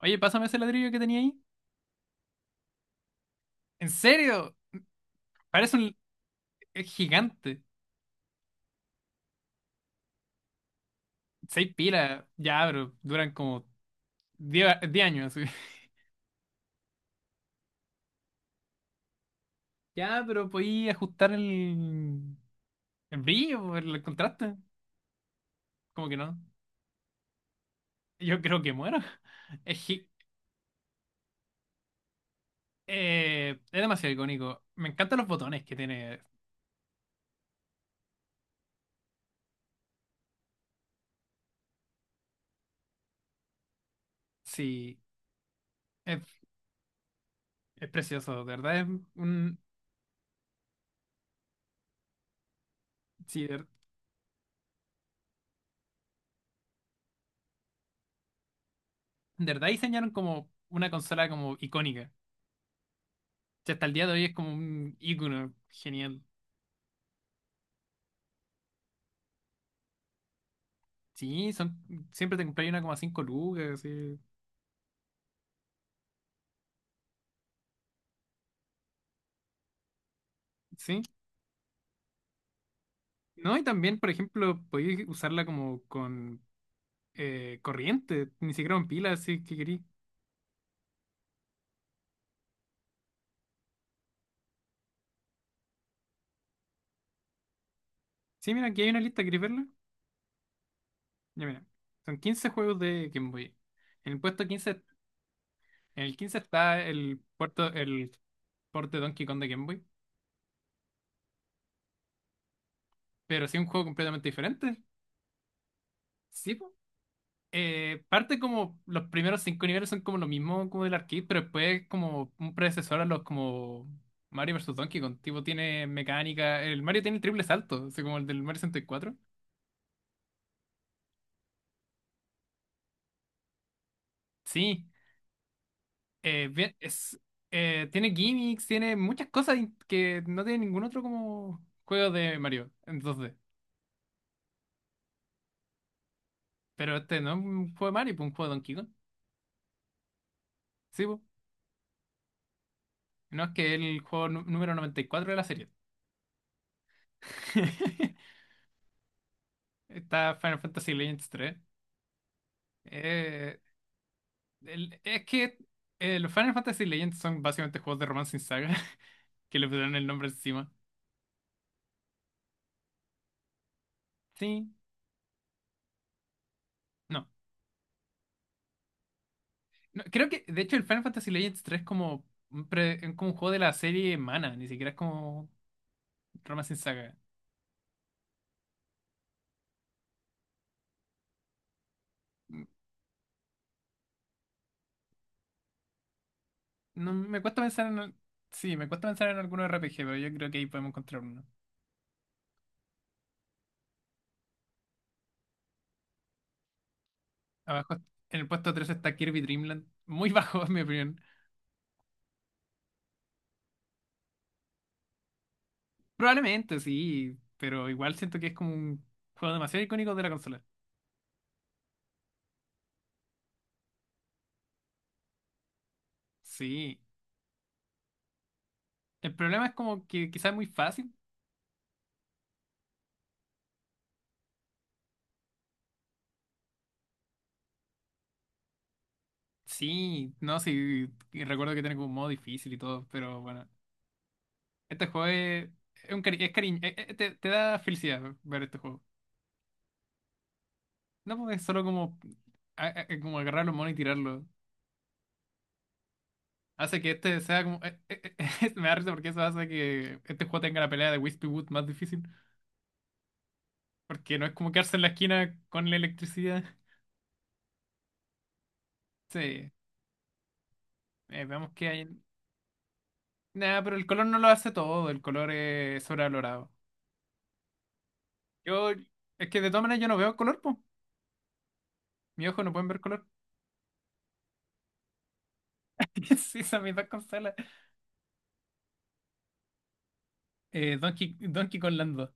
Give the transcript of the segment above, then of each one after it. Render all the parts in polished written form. Oye, pásame ese ladrillo que tenía ahí. ¿En serio? Parece un es gigante. Seis pilas. Ya, pero duran como 10, 10 años. Así. Ya, pero podí ajustar el brillo, el contraste. Como que no. Yo creo que muero. Es, gi- es demasiado icónico. Me encantan los botones que tiene. Sí, es, es precioso. De verdad es un... Sí, de, ver- de verdad diseñaron como una consola como icónica. Si hasta el día de hoy es como un icono genial. Sí, son, Siempre te compráis una como a 5 lucas, sí. Sí. No, y también, por ejemplo, podéis usarla como con corriente, ni siquiera con pilas, si que queréis. Sí, mira, aquí hay una lista, ¿queréis verla? Ya mira, son 15 juegos de Game Boy. En el puesto 15, en el 15 está el puerto, el porte Donkey Kong de Game Boy, pero sí un juego completamente diferente. Sí, po. Parte como los primeros 5 niveles son como lo mismo como del arcade, pero después como un predecesor a los como Mario vs Donkey Kong, tipo tiene mecánica, el Mario tiene el triple salto, así como el del Mario 64. Sí, eh, bien, es, tiene gimmicks, tiene muchas cosas que no tiene ningún otro como juego de Mario, entonces, pero este no es un juego de Mario, pues un juego de Donkey Kong, sí, pues. No, es que es el juego número 94 de la serie. Está Final Fantasy Legends 3. Es que los Final Fantasy Legends son básicamente juegos de romance sin saga que le pusieron el nombre encima. Sí, no. No, creo que, de hecho, el Final Fantasy Legends 3 es como un, es como un juego de la serie Mana, ni siquiera es como romance sin saga. Mm, No, me cuesta pensar en. Sí, me cuesta pensar en alguno RPG, pero yo creo que ahí podemos encontrar uno. Abajo, en el puesto 3 está Kirby Dreamland. Muy bajo, en mi opinión. Probablemente, sí, pero igual siento que es como un juego demasiado icónico de la consola. Sí. El problema es como que quizás es muy fácil. Sí, no, sí, y recuerdo que tiene como un modo difícil y todo, pero bueno. Este juego es, es un es cariño, te da felicidad ver este juego. No, porque es solo como, como agarrar los monos y tirarlos. Hace que este sea como... me da risa porque eso hace que este juego tenga la pelea de Wispy Wood más difícil. Porque no es como quedarse en la esquina con la electricidad. Sí, veamos qué hay. Nada, pero el color no lo hace todo, el color es sobrevalorado. Yo, es que de todas maneras yo no veo color, po. Mis ojos no pueden ver color. Sí, son mis dos consolas. Donkey Kong Land 2.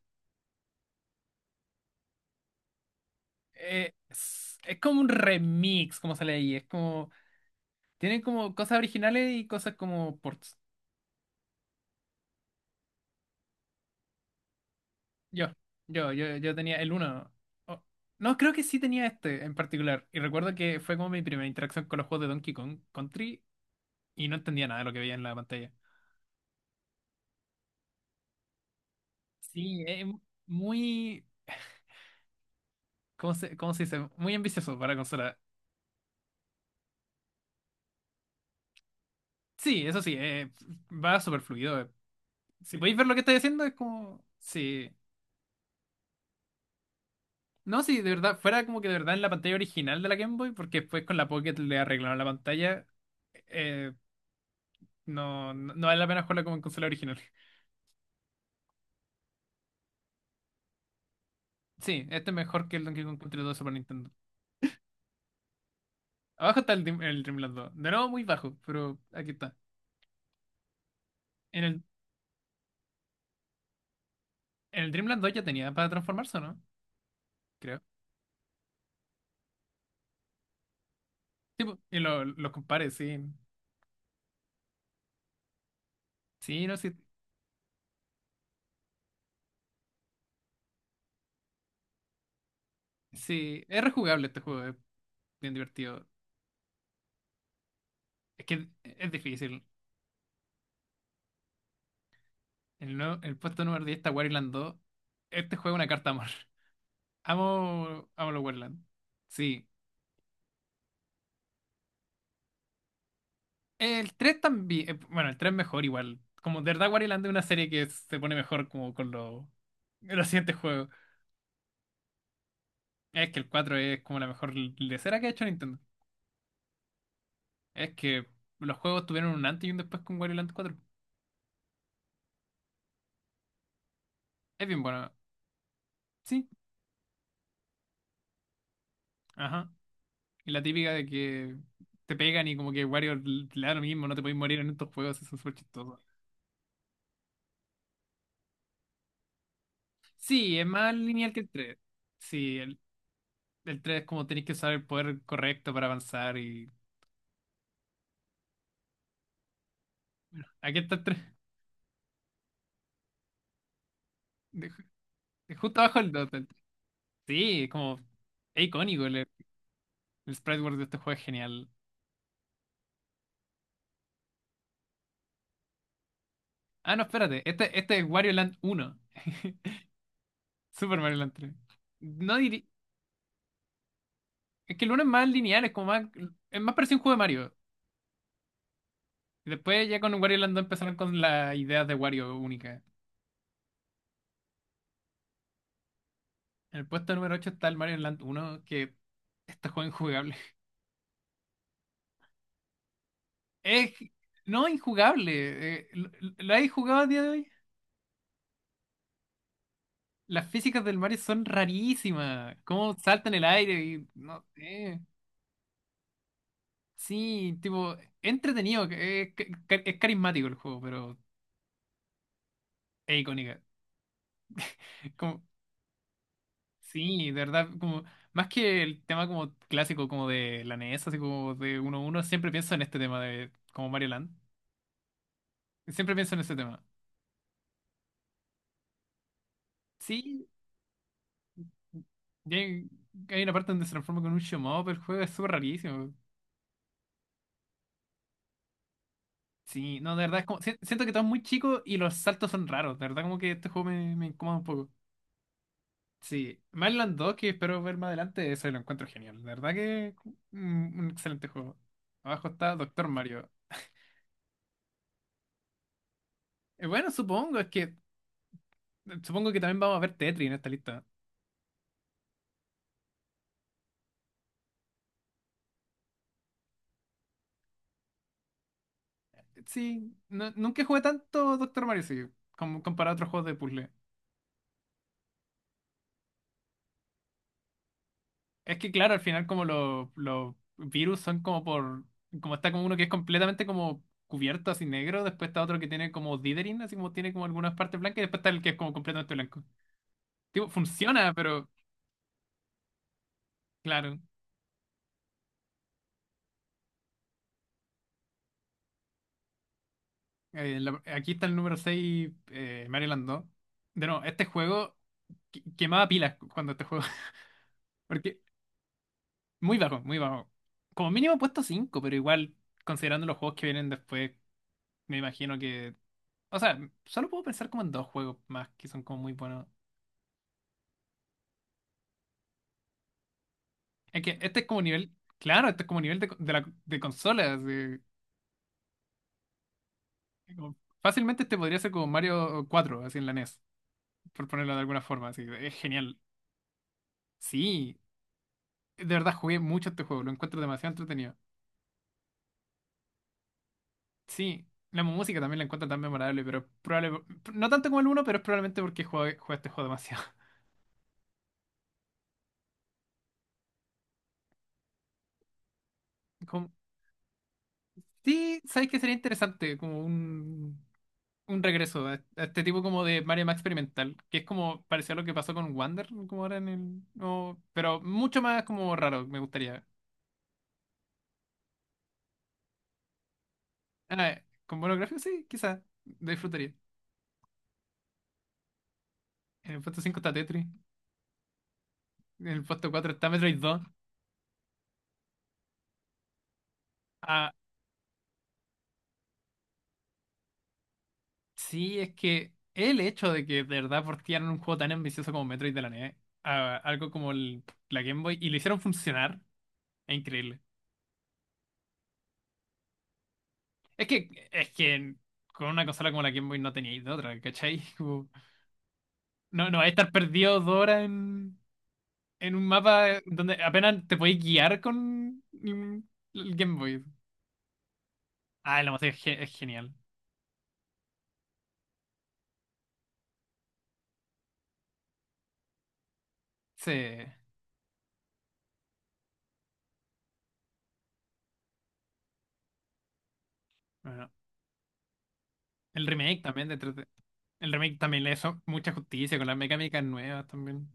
Es como un remix, como sale ahí. Es como. Tienen como cosas originales y cosas como ports. Yo, yo tenía el uno. Oh, no, creo que sí tenía este en particular. Y recuerdo que fue como mi primera interacción con los juegos de Donkey Kong Country y no entendía nada de lo que veía en la pantalla. Sí, es muy. Cómo se dice? Muy ambicioso para la consola. Sí, eso sí, va súper fluido. Si podéis ver lo que estáis haciendo, es como. Sí. No, sí, de verdad, fuera como que de verdad en la pantalla original de la Game Boy, porque después con la Pocket le arreglaron la pantalla. eh, no vale la pena jugarla como en consola original. Sí, este es mejor que el Donkey Kong Country 2 de Super Nintendo. Abajo está el Dreamland 2. De nuevo, muy bajo, pero aquí está. En el, en el Dreamland 2 ya tenía para transformarse, ¿o no? Creo. Tipo, y los compares, sí. Sí, no, sí. Sí, es rejugable este juego, es bien divertido. Es que es difícil. El, el puesto número 10 está Wario 2. Este juego es una carta de amor. Amo, amo los Wario. Sí. El 3 también. Bueno, el tres mejor igual. Como de verdad Wario es una serie que se pone mejor como con los siguientes juegos. Es que el 4 es como la mejor lecera que ha hecho Nintendo. Es que los juegos tuvieron un antes y un después con Wario cuatro. Es bien bueno. Sí. Ajá. Y la típica de que te pegan y como que Wario le da lo mismo, no te podéis morir en estos juegos, eso es súper chistoso. Sí, es más lineal que el tres. Sí, el 3 es como tenéis que usar el poder correcto para avanzar y... Aquí está el 3. De- de justo abajo el 2 Sí, es como... Es icónico, el sprite world de este juego es genial. Ah, no, espérate. Este es Wario Land uno. Super Mario Land tres. No diría... Es que el uno es más lineal, es como más... Es más parecido a un juego de Mario. Y después ya con Wario Land 2 empezaron con las ideas de Wario única. En el puesto número 8 está el Mario Land uno que... Este juego es injugable. Es no injugable. eh, ¿lo, lo habéis jugado a día de hoy? Las físicas del Mario son rarísimas. Cómo salta en el aire y no sé. Sí, tipo, entretenido. Es carismático el juego, pero es icónica. Es como, sí, de verdad, como más que el tema como clásico como de la NES, así como de 1 uno siempre pienso en este tema de como Mario Land. Siempre pienso en ese tema. Sí, y hay una parte donde se transforma con un shmup, el juego es súper rarísimo. Sí, no, de verdad, es como, siento que todo es muy chico y los saltos son raros, de verdad como que este juego me incomoda un poco. Sí, Mainland 2, que espero ver más adelante, eso lo encuentro genial, de verdad que un excelente juego. Abajo está Doctor Mario. Bueno, supongo, es que supongo que también vamos a ver Tetris en esta lista. Sí, nunca jugué tanto Doctor Mario, sí, como comparado a otros juegos de puzzle. Es que claro, al final como los virus son como está como uno que es completamente como cubierto así negro, después está otro que tiene como dithering, así como tiene como algunas partes blancas, y después está el que es como completamente blanco. Tipo, funciona, pero claro. Aquí está el número 6 Maryland 2. De nuevo, este juego quemaba pilas cuando este juego, porque muy bajo, muy bajo. Como mínimo he puesto 5 pero igual, considerando los juegos que vienen después, me imagino que. O sea, solo puedo pensar como en dos juegos más que son como muy buenos. Es que este es como nivel. Claro, este es como nivel de, de consola. Así, como- fácilmente este podría ser como Mario 4 así en la NES, por ponerlo de alguna forma. Así, es genial. Sí, de verdad jugué mucho este juego, lo encuentro demasiado entretenido. Sí, la música también la encuentro tan memorable, pero probable, no tanto como el uno, pero es probablemente porque jugué este juego demasiado. Como- sí, sabes que sería interesante, como un regreso a este tipo como de Mario Max experimental, que es como parecido a lo que pasó con Wander, como ahora en el... no, pero mucho más como raro, me gustaría. Ah, con buenos gráficos, sí, quizás, lo disfrutaría. En el puesto 5 está Tetris, en el puesto 4 está Metroid 2. Ah, sí, es que el hecho de que de verdad portearon un juego tan ambicioso como Metroid de la NES a algo como la Game Boy y lo hicieron funcionar, es increíble. Es que con una consola como la Game Boy no teníais de otra, ¿cachai? No, no, estar perdido 2 horas en un mapa donde apenas te podéis guiar con el Game Boy. Ah, el Amazon es, es genial. Sí. Bueno, el remake también de 3D. El remake también le hizo mucha justicia con las mecánicas nuevas también.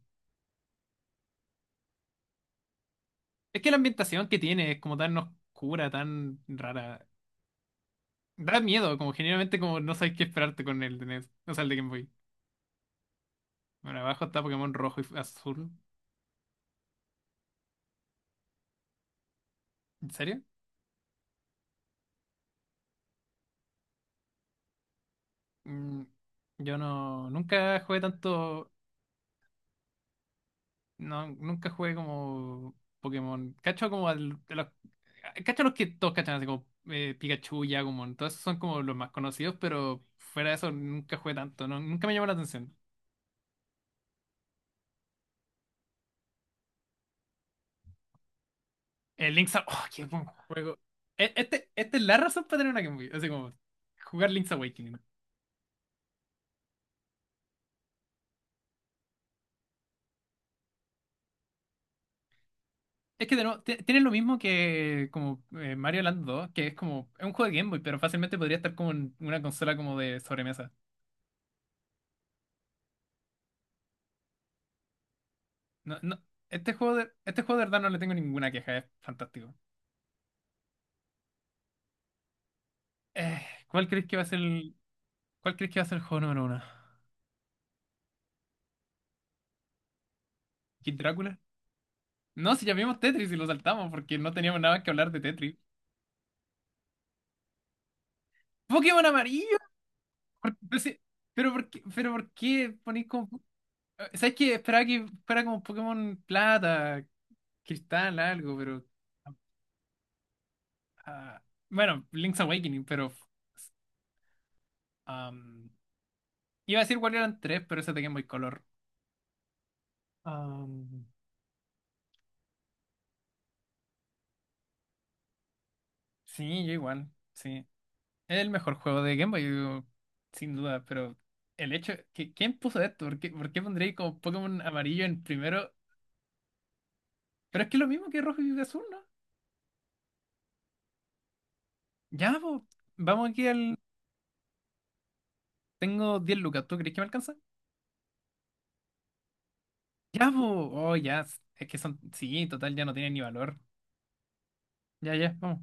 Es que la ambientación que tiene es como tan oscura, tan rara. Da miedo, como generalmente como no sabes qué esperarte con el de NES. O sea, el de Game Boy. Bueno, abajo está Pokémon rojo y azul. ¿En serio? Mm, yo no, nunca jugué tanto. No, nunca jugué como Pokémon. Cacho como cacho los que todos cachan, así como Pikachu, Yagumon. Todos esos son como los más conocidos, pero fuera de eso nunca jugué tanto, ¿no? Nunca me llamó la atención. El Link's Awakening, oh, qué buen juego. Esta es la razón para tener una Game Boy, así como jugar Link's Awakening. Es que de nuevo, tiene lo mismo que como Mario Land 2 que es como, es un juego de Game Boy, pero fácilmente podría estar como en una consola como de sobremesa. No, no, este juego de verdad no le tengo ninguna queja, es fantástico. Eh, ¿Cuál crees que va a ser cuál crees que va a ser el juego número uno? ¿Kid Drácula? No, si llamamos Tetris y lo saltamos porque no teníamos nada que hablar de Tetris. ¡Pokémon amarillo! ¿Por- pero, si- pero por qué ponéis como... ¿Sabes qué? Esperaba que fuera como Pokémon Plata, Cristal, algo, pero... ah, ah, bueno, Link's Awakening, pero... am, iba a decir Wario Land 3, pero ese tenía muy color. Am, sí, yo igual, sí. Es el mejor juego de Game Boy, sin duda, pero el hecho, que, ¿quién puso esto? Por qué pondréis como Pokémon amarillo en primero? Pero es que es lo mismo que rojo y azul, ¿no? Ya, po, vamos aquí al... Tengo 10 lucas, ¿tú crees que me alcanza? Ya, po, oh, ya, es que son... Sí, total, ya no tienen ni valor. Ya, ya, vamos.